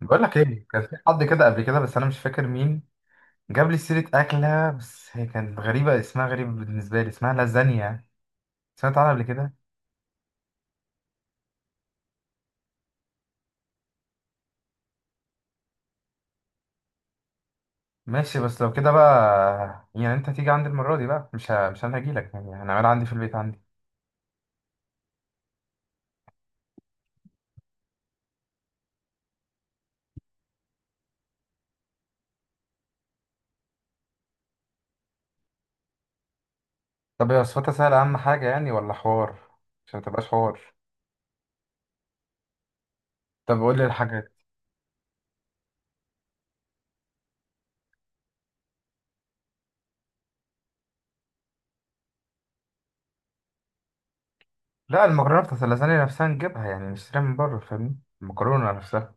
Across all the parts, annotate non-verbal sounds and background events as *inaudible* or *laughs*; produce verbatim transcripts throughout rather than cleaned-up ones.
بقول لك ايه، كان في حد كده قبل كده بس انا مش فاكر مين جاب لي سيره اكله. بس هي كانت غريبه، اسمها غريب بالنسبه لي، اسمها لازانيا. سمعت عنها قبل كده؟ ماشي، بس لو كده بقى يعني انت هتيجي عندي المره دي بقى، مش ه... مش انا هجيلك يعني هنعملها عندي في البيت عندي. طب هي وصفتها سهله اهم حاجه يعني، ولا حوار؟ عشان ما تبقاش حوار. طب قول لي الحاجات. لا، المكرونه بتاعت اللازانيا نفسها نجيبها، يعني نشتريها من بره، فاهمني؟ المكرونه نفسها.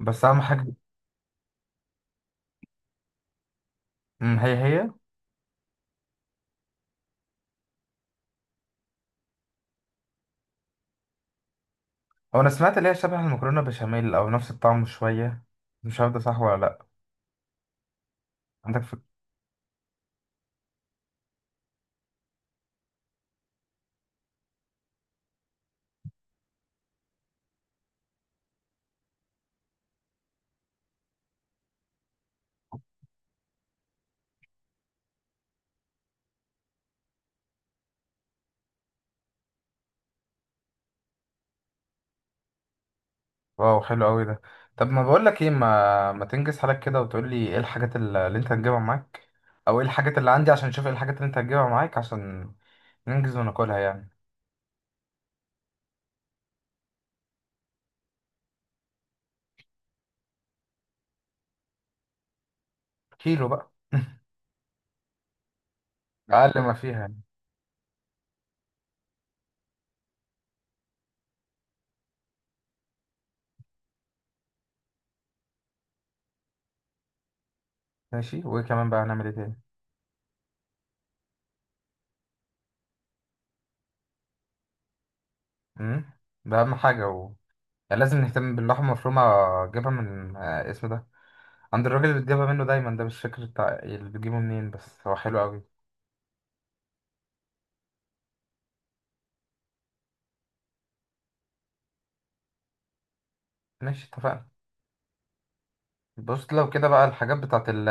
بس اهم حاجه. أمم، هي هي. هو انا سمعت اللي هي شبه المكرونه بشاميل او نفس الطعم شويه. مش عارف ده صح ولا لا. عندك فكره؟ واو، حلو قوي ده. طب ما بقول لك ايه، ما ما تنجز حالك كده وتقول لي ايه الحاجات اللي اللي انت هتجيبها معاك، او ايه الحاجات اللي عندي، عشان اشوف ايه الحاجات اللي انت هتجيبها معاك، عشان ننجز وناكلها يعني. كيلو بقى. *laughs* اقل ما فيها يعني. ماشي، وايه كمان بقى هنعمل ايه تاني؟ امم ده اهم حاجه و... يعني لازم نهتم باللحمه المفرومه. اجيبها من آه، اسمه ده، عند الراجل اللي بتجيبها منه دايما ده، مش فاكر بتاع اللي بتجيبه منين بس هو حلو قوي. ماشي، اتفقنا. بص لو كده بقى الحاجات بتاعت ال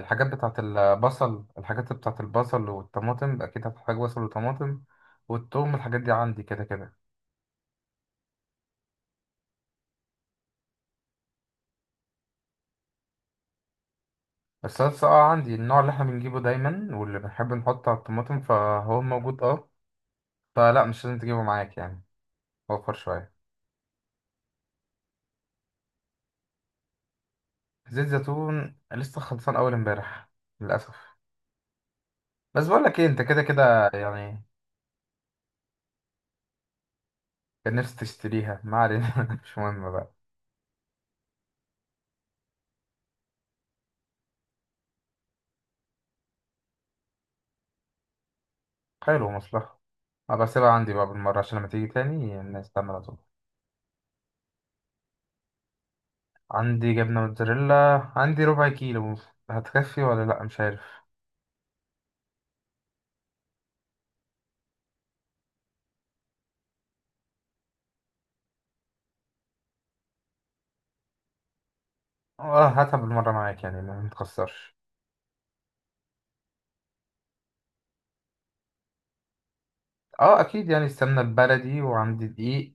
الحاجات بتاعت البصل، الحاجات بتاعت البصل والطماطم، أكيد هتحتاج بصل وطماطم. والثوم، الحاجات دي عندي كده كده. الصلصة، اه عندي النوع اللي احنا بنجيبه دايما واللي بنحب نحطه على الطماطم، فهو موجود اه. فلا، مش لازم تجيبه معاك يعني. وفر شوية. زيت زيتون لسه خلصان أول امبارح، للأسف. بس بقولك ايه، انت كده كده يعني. كان نفسي تشتريها، ما علينا. *laughs* مش مهم بقى. حلو، مصلحة. أبقى أسيبها عندي بقى بالمرة، عشان لما تيجي تاني الناس تعمل على طول. عندي جبنة موتزاريلا، عندي ربع كيلو. هتكفي ولا لأ؟ مش عارف. اه، هاتها بالمرة معاك يعني، ما متخسرش. اه أكيد يعني، السمنة البلدي وعندي دقيق،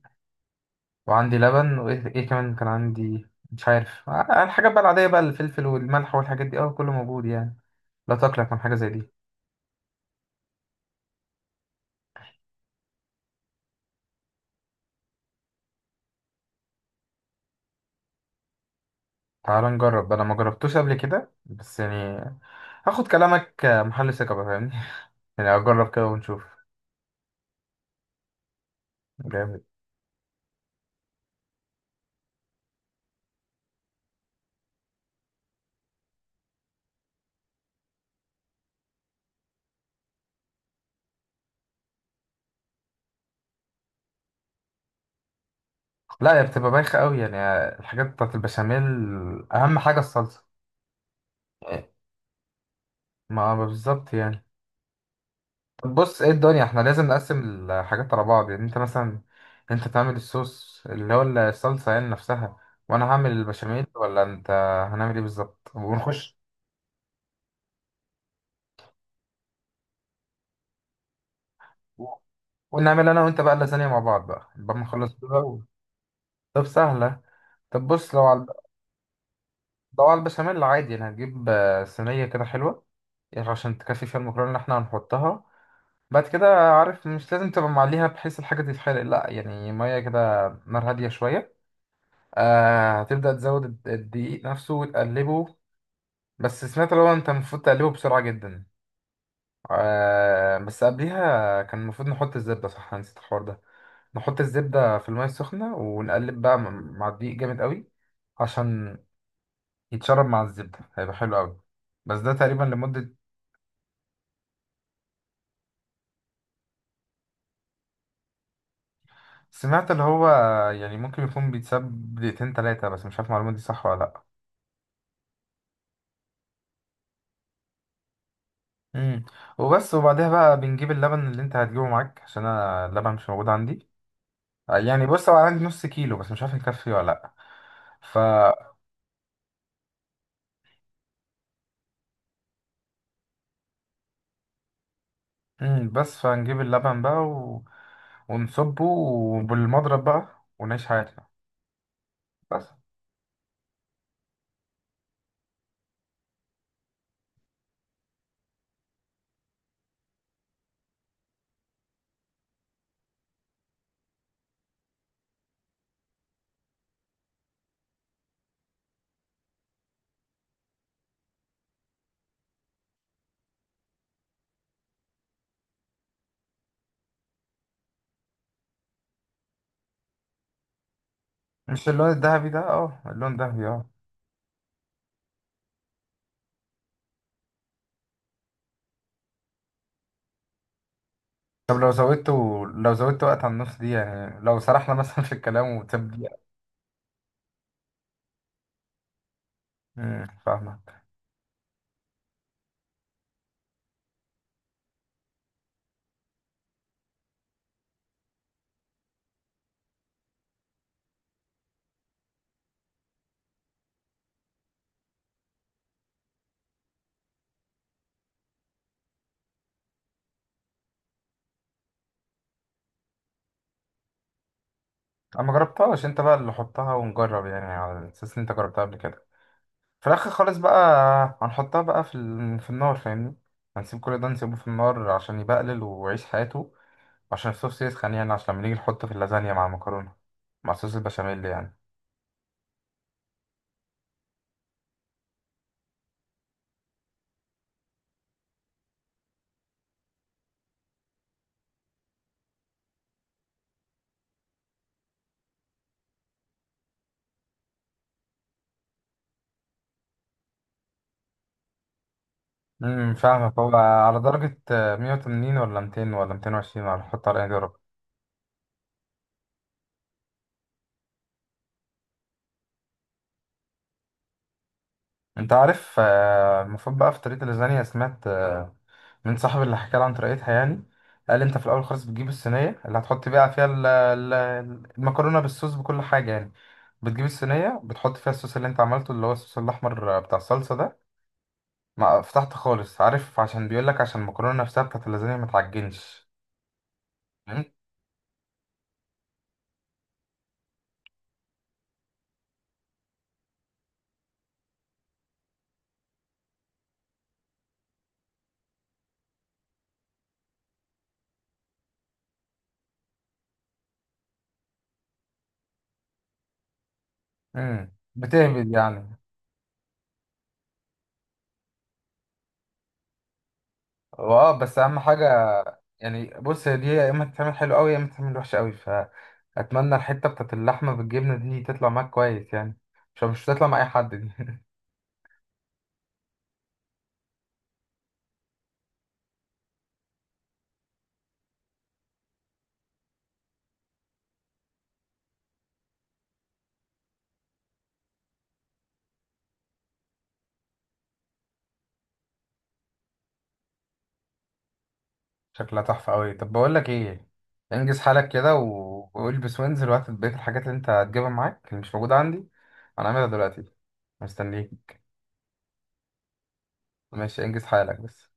وعندي لبن وإيه إيه كمان كان عندي، مش عارف، آه، الحاجات بقى العادية، بقى الفلفل والملح والحاجات دي، اه كله موجود يعني. لا تقلق من حاجة زي دي. تعال نجرب، أنا ما جربتوش قبل كده بس يعني، هاخد كلامك آه، محل ثقة بقى، فاهمني. *laughs* يعني أجرب كده ونشوف. جامد. لا، هي بتبقى بايخة قوي يعني، الحاجات بتاعت البشاميل. أهم حاجة الصلصة. إيه. ما ما بالظبط يعني. طب بص، ايه الدنيا، احنا لازم نقسم الحاجات على بعض يعني، انت مثلا انت تعمل الصوص اللي هو الصلصة يعني نفسها، وانا هعمل البشاميل ولا انت هنعمل ايه بالظبط ونخش؟ ونعمل انا وانت بقى لازانيا مع بعض بقى، بقى ما نخلص كده و- طب، سهلة. طب بص لو على لو على البشاميل عادي يعني، هتجيب آه، صينية كده حلوة يعني عشان تكفي فيها المكرونة اللي احنا هنحطها بعد كده. عارف، مش لازم تبقى معليها بحيث الحاجة تتحرق، لا يعني، مية كده، نار هادية شوية. آه، هتبدأ تزود الد- الدقيق نفسه وتقلبه. بس سمعت لو انت المفروض تقلبه بسرعة جدا. آه، بس قبليها كان المفروض نحط الزبدة، صح أنا نسيت الحوار ده. نحط الزبدة في المية السخنة ونقلب بقى م- مع الدقيق جامد قوي، عشان يتشرب مع الزبدة، هيبقى حلو قوي. بس ده تقريبا لمدة، سمعت اللي هو يعني ممكن يكون بيتساب دقيقتين تلاتة، بس مش عارف المعلومة دي صح ولا لأ. امم وبس، وبعدها بقى بنجيب اللبن اللي انت هتجيبه معاك، عشان انا اللبن مش موجود عندي. يعني بص، هو عندي نص كيلو بس مش عارف يكفي ولا لا. ف امم بس فنجيب اللبن بقى و... ونصبه وبالمضرب بقى ونعيش حياتنا. بس، مش اللون الذهبي ده؟ اه اللون الذهبي، اه. طب لو زودته، لو زودت وقت على النص دي يعني لو سرحنا *laughs* مثلا في الكلام وتسيب دقيقة؟ امم فاهمك. انا ما جربتهاش، انت بقى اللي حطها ونجرب يعني على اساس ان انت جربتها قبل كده. في الاخر خالص بقى هنحطها بقى في ال- في النار، فاهمني. هنسيب كل ده، نسيبه في النار عشان يبقلل ويعيش حياته. عشان الصوص يسخن يعني، عشان لما نيجي نحطه في اللازانيا مع المكرونه، مع صوص البشاميل يعني. امم فاهمك، هو على درجه آه، مية وتمانين ولا ميتين ولا ميتين وعشرين، ولا هنحط على ايه درجه؟ انت عارف آه، المفروض بقى في طريقة اللازانيا، سمعت آه، من صاحبي اللي حكى لي عن طريقتها يعني، قال انت في الاول خالص بتجيب الصينية اللي هتحط بقى فيها ال- ال- المكرونة بالصوص بكل حاجة يعني، بتجيب الصينية، بتحط فيها الصوص اللي انت عملته، اللي هو الصوص الاحمر آه، بتاع الصلصة ده، مع فتحت خالص، عارف، عشان بيقولك عشان المكرونة نفسها بتاعت اللازانيا ما تعجنش. فاهم؟ مم. بتهبد يعني. هو اه بس اهم حاجه. يعني بص، هي دي يا اما تتعمل حلو قوي يا اما تتعمل وحشه قوي، فاتمنى الحته بتاعت اللحمه بالجبنه دي تطلع معاك كويس يعني. مش مش هتطلع مع اي حد دي. *laughs* شكلها تحفه قوي. طب بقول لك ايه، انجز حالك كده و- والبس وانزل وهات بقيه الحاجات اللي انت هتجيبها معاك، اللي مش موجوده عندي. انا هعملها دلوقتي، مستنيك. ماشي، انجز حالك بس.